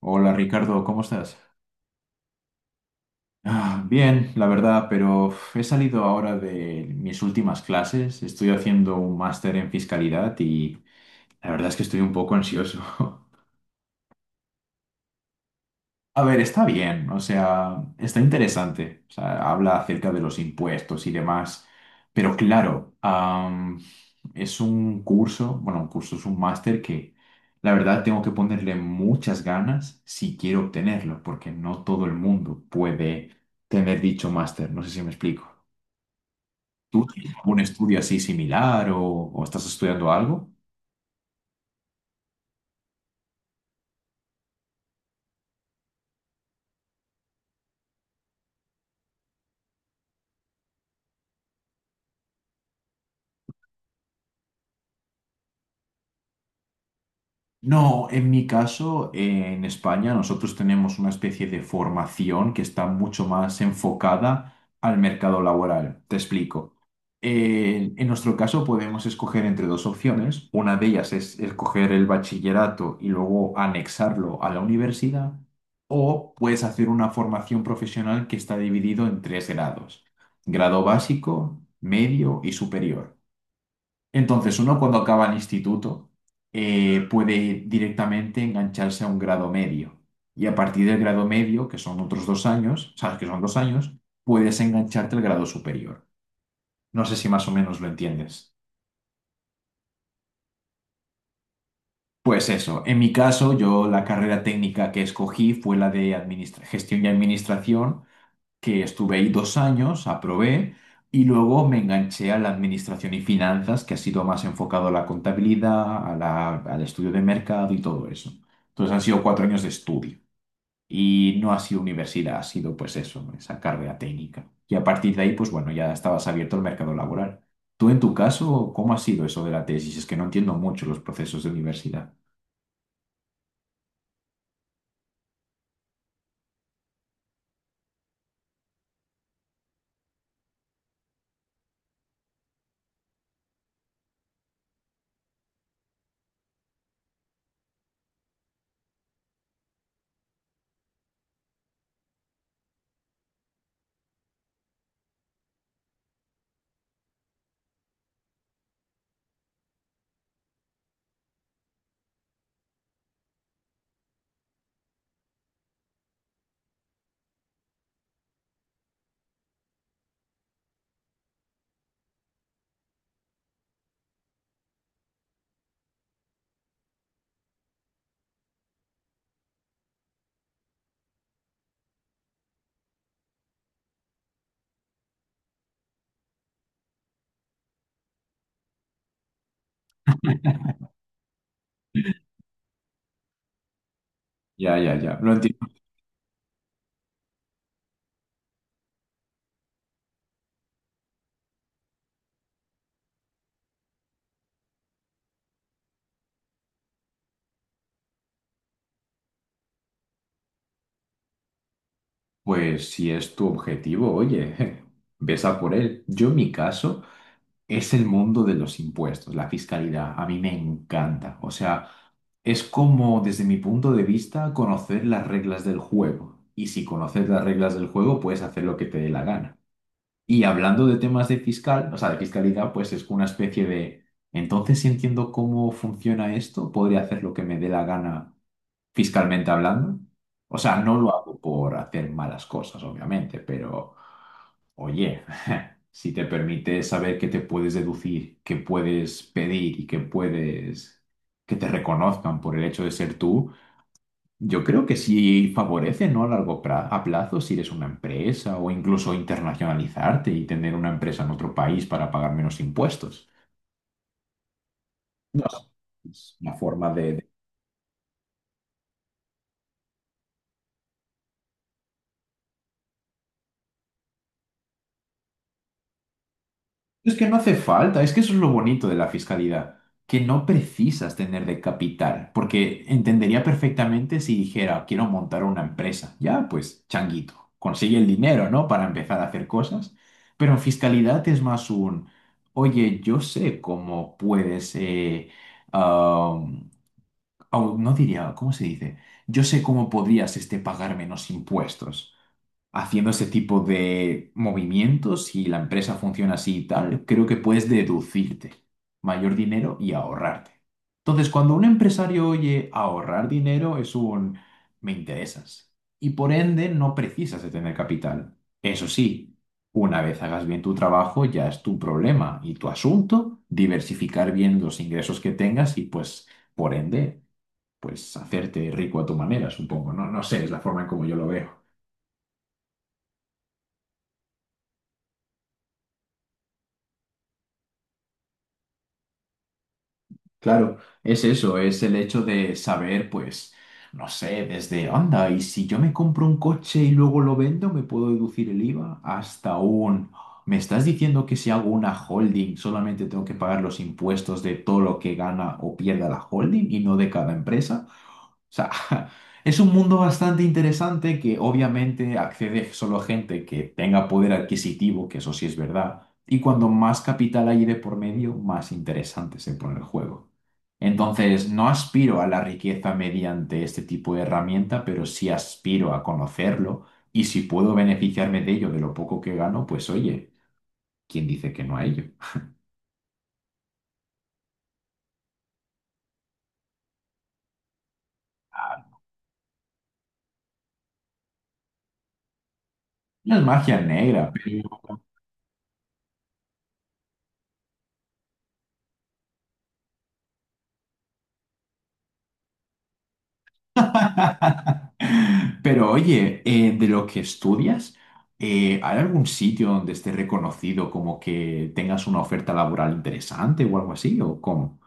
Hola Ricardo, ¿cómo estás? Ah, bien, la verdad, pero uf, he salido ahora de mis últimas clases, estoy haciendo un máster en fiscalidad y la verdad es que estoy un poco ansioso. A ver, está bien, o sea, está interesante. O sea, habla acerca de los impuestos y demás. Pero claro, es un curso, bueno, un curso es un máster que la verdad tengo que ponerle muchas ganas si quiero obtenerlo, porque no todo el mundo puede tener dicho máster. No sé si me explico. ¿Tú tienes algún estudio así similar o estás estudiando algo? No, en mi caso, en España nosotros tenemos una especie de formación que está mucho más enfocada al mercado laboral. Te explico. En nuestro caso podemos escoger entre dos opciones. Una de ellas es escoger el bachillerato y luego anexarlo a la universidad, o puedes hacer una formación profesional que está dividido en tres grados: grado básico, medio y superior. Entonces, uno cuando acaba el instituto puede directamente engancharse a un grado medio. Y a partir del grado medio, que son otros dos años, sabes que son dos años, puedes engancharte al grado superior. No sé si más o menos lo entiendes. Pues eso, en mi caso, yo la carrera técnica que escogí fue la de gestión y administración, que estuve ahí dos años, aprobé y luego me enganché a la administración y finanzas, que ha sido más enfocado a la contabilidad, a al estudio de mercado y todo eso. Entonces han sido cuatro años de estudio y no ha sido universidad, ha sido pues eso, esa carrera técnica. Y a partir de ahí, pues bueno, ya estabas abierto al mercado laboral. Tú en tu caso, ¿cómo ha sido eso de la tesis? Es que no entiendo mucho los procesos de universidad. Ya, ya, ya. Lo entiendo. Pues si es tu objetivo, oye, ves a por él. Yo en mi caso... Es el mundo de los impuestos, la fiscalidad. A mí me encanta. O sea, es como, desde mi punto de vista, conocer las reglas del juego. Y si conoces las reglas del juego, puedes hacer lo que te dé la gana. Y hablando de temas de fiscal, o sea, de fiscalidad, pues es una especie de, entonces si entiendo cómo funciona esto, podría hacer lo que me dé la gana fiscalmente hablando. O sea, no lo hago por hacer malas cosas, obviamente, pero... Oye, si te permite saber qué te puedes deducir, qué puedes pedir y qué puedes que te reconozcan por el hecho de ser tú, yo creo que sí favorece, ¿no? A largo a plazo, si eres una empresa o incluso internacionalizarte y tener una empresa en otro país para pagar menos impuestos. No sé, es una forma de. Es que no hace falta, es que eso es lo bonito de la fiscalidad, que no precisas tener de capital, porque entendería perfectamente si dijera, quiero montar una empresa. Ya, pues, changuito, consigue el dinero, ¿no? Para empezar a hacer cosas. Pero en fiscalidad es más un, oye, yo sé cómo puedes, am, no diría, ¿cómo se dice? Yo sé cómo podrías este, pagar menos impuestos haciendo ese tipo de movimientos y la empresa funciona así y tal, creo que puedes deducirte mayor dinero y ahorrarte. Entonces, cuando un empresario oye ahorrar dinero, es un me interesas. Y por ende, no precisas de tener capital. Eso sí, una vez hagas bien tu trabajo, ya es tu problema y tu asunto diversificar bien los ingresos que tengas y pues, por ende, pues hacerte rico a tu manera, supongo. No, no sé, es la forma en como yo lo veo. Claro, es eso, es el hecho de saber, pues, no sé, desde, anda, y si yo me compro un coche y luego lo vendo, ¿me puedo deducir el IVA? Hasta un, ¿me estás diciendo que si hago una holding solamente tengo que pagar los impuestos de todo lo que gana o pierda la holding y no de cada empresa? O sea, es un mundo bastante interesante que obviamente accede solo a gente que tenga poder adquisitivo, que eso sí es verdad, y cuando más capital hay de por medio, más interesante se pone el juego. Entonces, no aspiro a la riqueza mediante este tipo de herramienta, pero sí aspiro a conocerlo y si puedo beneficiarme de ello, de lo poco que gano, pues oye, ¿quién dice que no a ello? No es magia negra. Pero oye, de lo que estudias, ¿hay algún sitio donde esté reconocido como que tengas una oferta laboral interesante o algo así? ¿O cómo?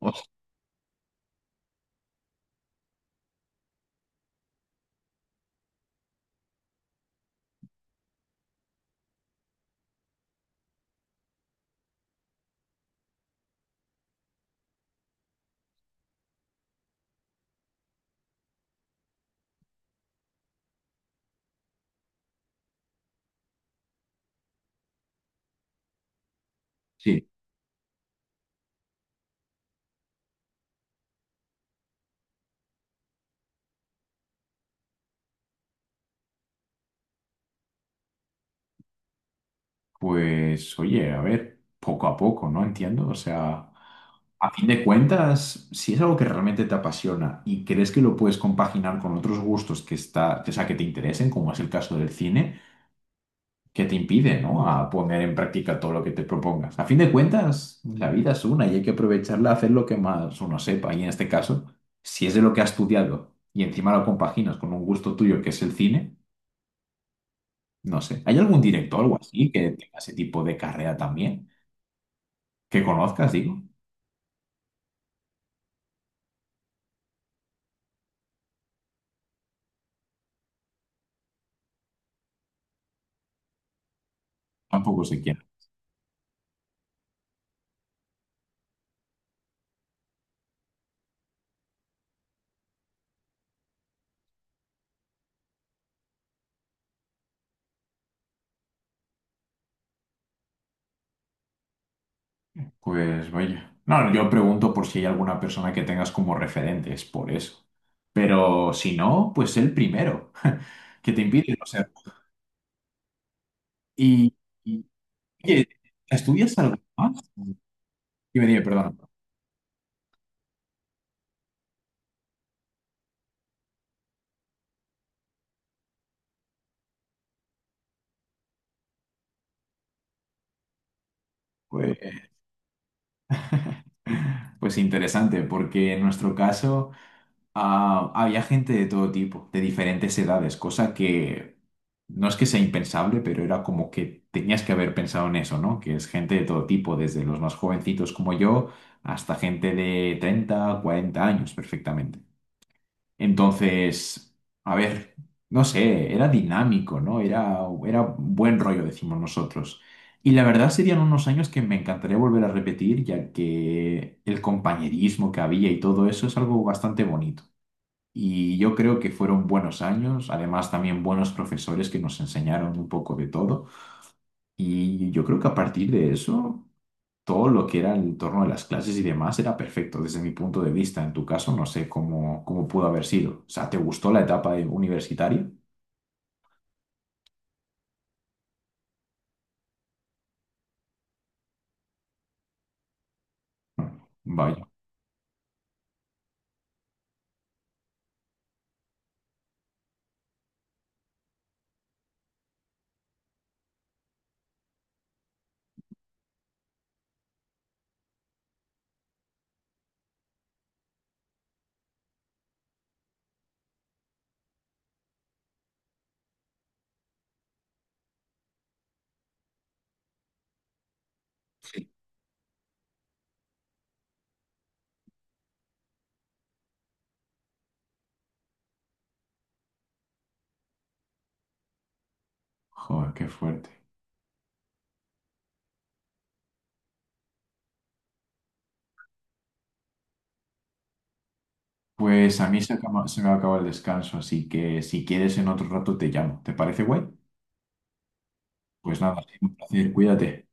O sea, sí, pues oye, a ver, poco a poco, ¿no? Entiendo. O sea, a fin de cuentas, si es algo que realmente te apasiona y crees que lo puedes compaginar con otros gustos que está, o sea, que te interesen, como es el caso del cine. Que te impide, ¿no? A poner en práctica todo lo que te propongas. A fin de cuentas, la vida es una y hay que aprovecharla a hacer lo que más uno sepa. Y en este caso, si es de lo que has estudiado y encima lo compaginas con un gusto tuyo que es el cine, no sé. ¿Hay algún director o algo así que tenga ese tipo de carrera también? Que conozcas, digo. Tampoco sé quién. Pues vaya. No, yo pregunto por si hay alguna persona que tengas como referente, es por eso. Pero si no, pues el primero que te impide, o sea, y, oye, ¿estudias algo más? Dime, dime, perdón. Pues, pues interesante, porque en nuestro caso había gente de todo tipo, de diferentes edades, cosa que no es que sea impensable, pero era como que tenías que haber pensado en eso, ¿no? Que es gente de todo tipo, desde los más jovencitos como yo hasta gente de 30, 40 años, perfectamente. Entonces, a ver, no sé, era dinámico, ¿no? Era buen rollo, decimos nosotros. Y la verdad serían unos años que me encantaría volver a repetir, ya que el compañerismo que había y todo eso es algo bastante bonito. Y yo creo que fueron buenos años, además también buenos profesores que nos enseñaron un poco de todo. Y yo creo que a partir de eso todo lo que era el entorno de las clases y demás era perfecto desde mi punto de vista. En tu caso, no sé cómo pudo haber sido. O sea, ¿te gustó la etapa universitaria? Mm, vaya, sí, joder, qué fuerte. Pues a mí se, sí, se me acaba el descanso, así que si quieres en otro rato te llamo. ¿Te parece guay? Pues nada, ha sido un placer, cuídate.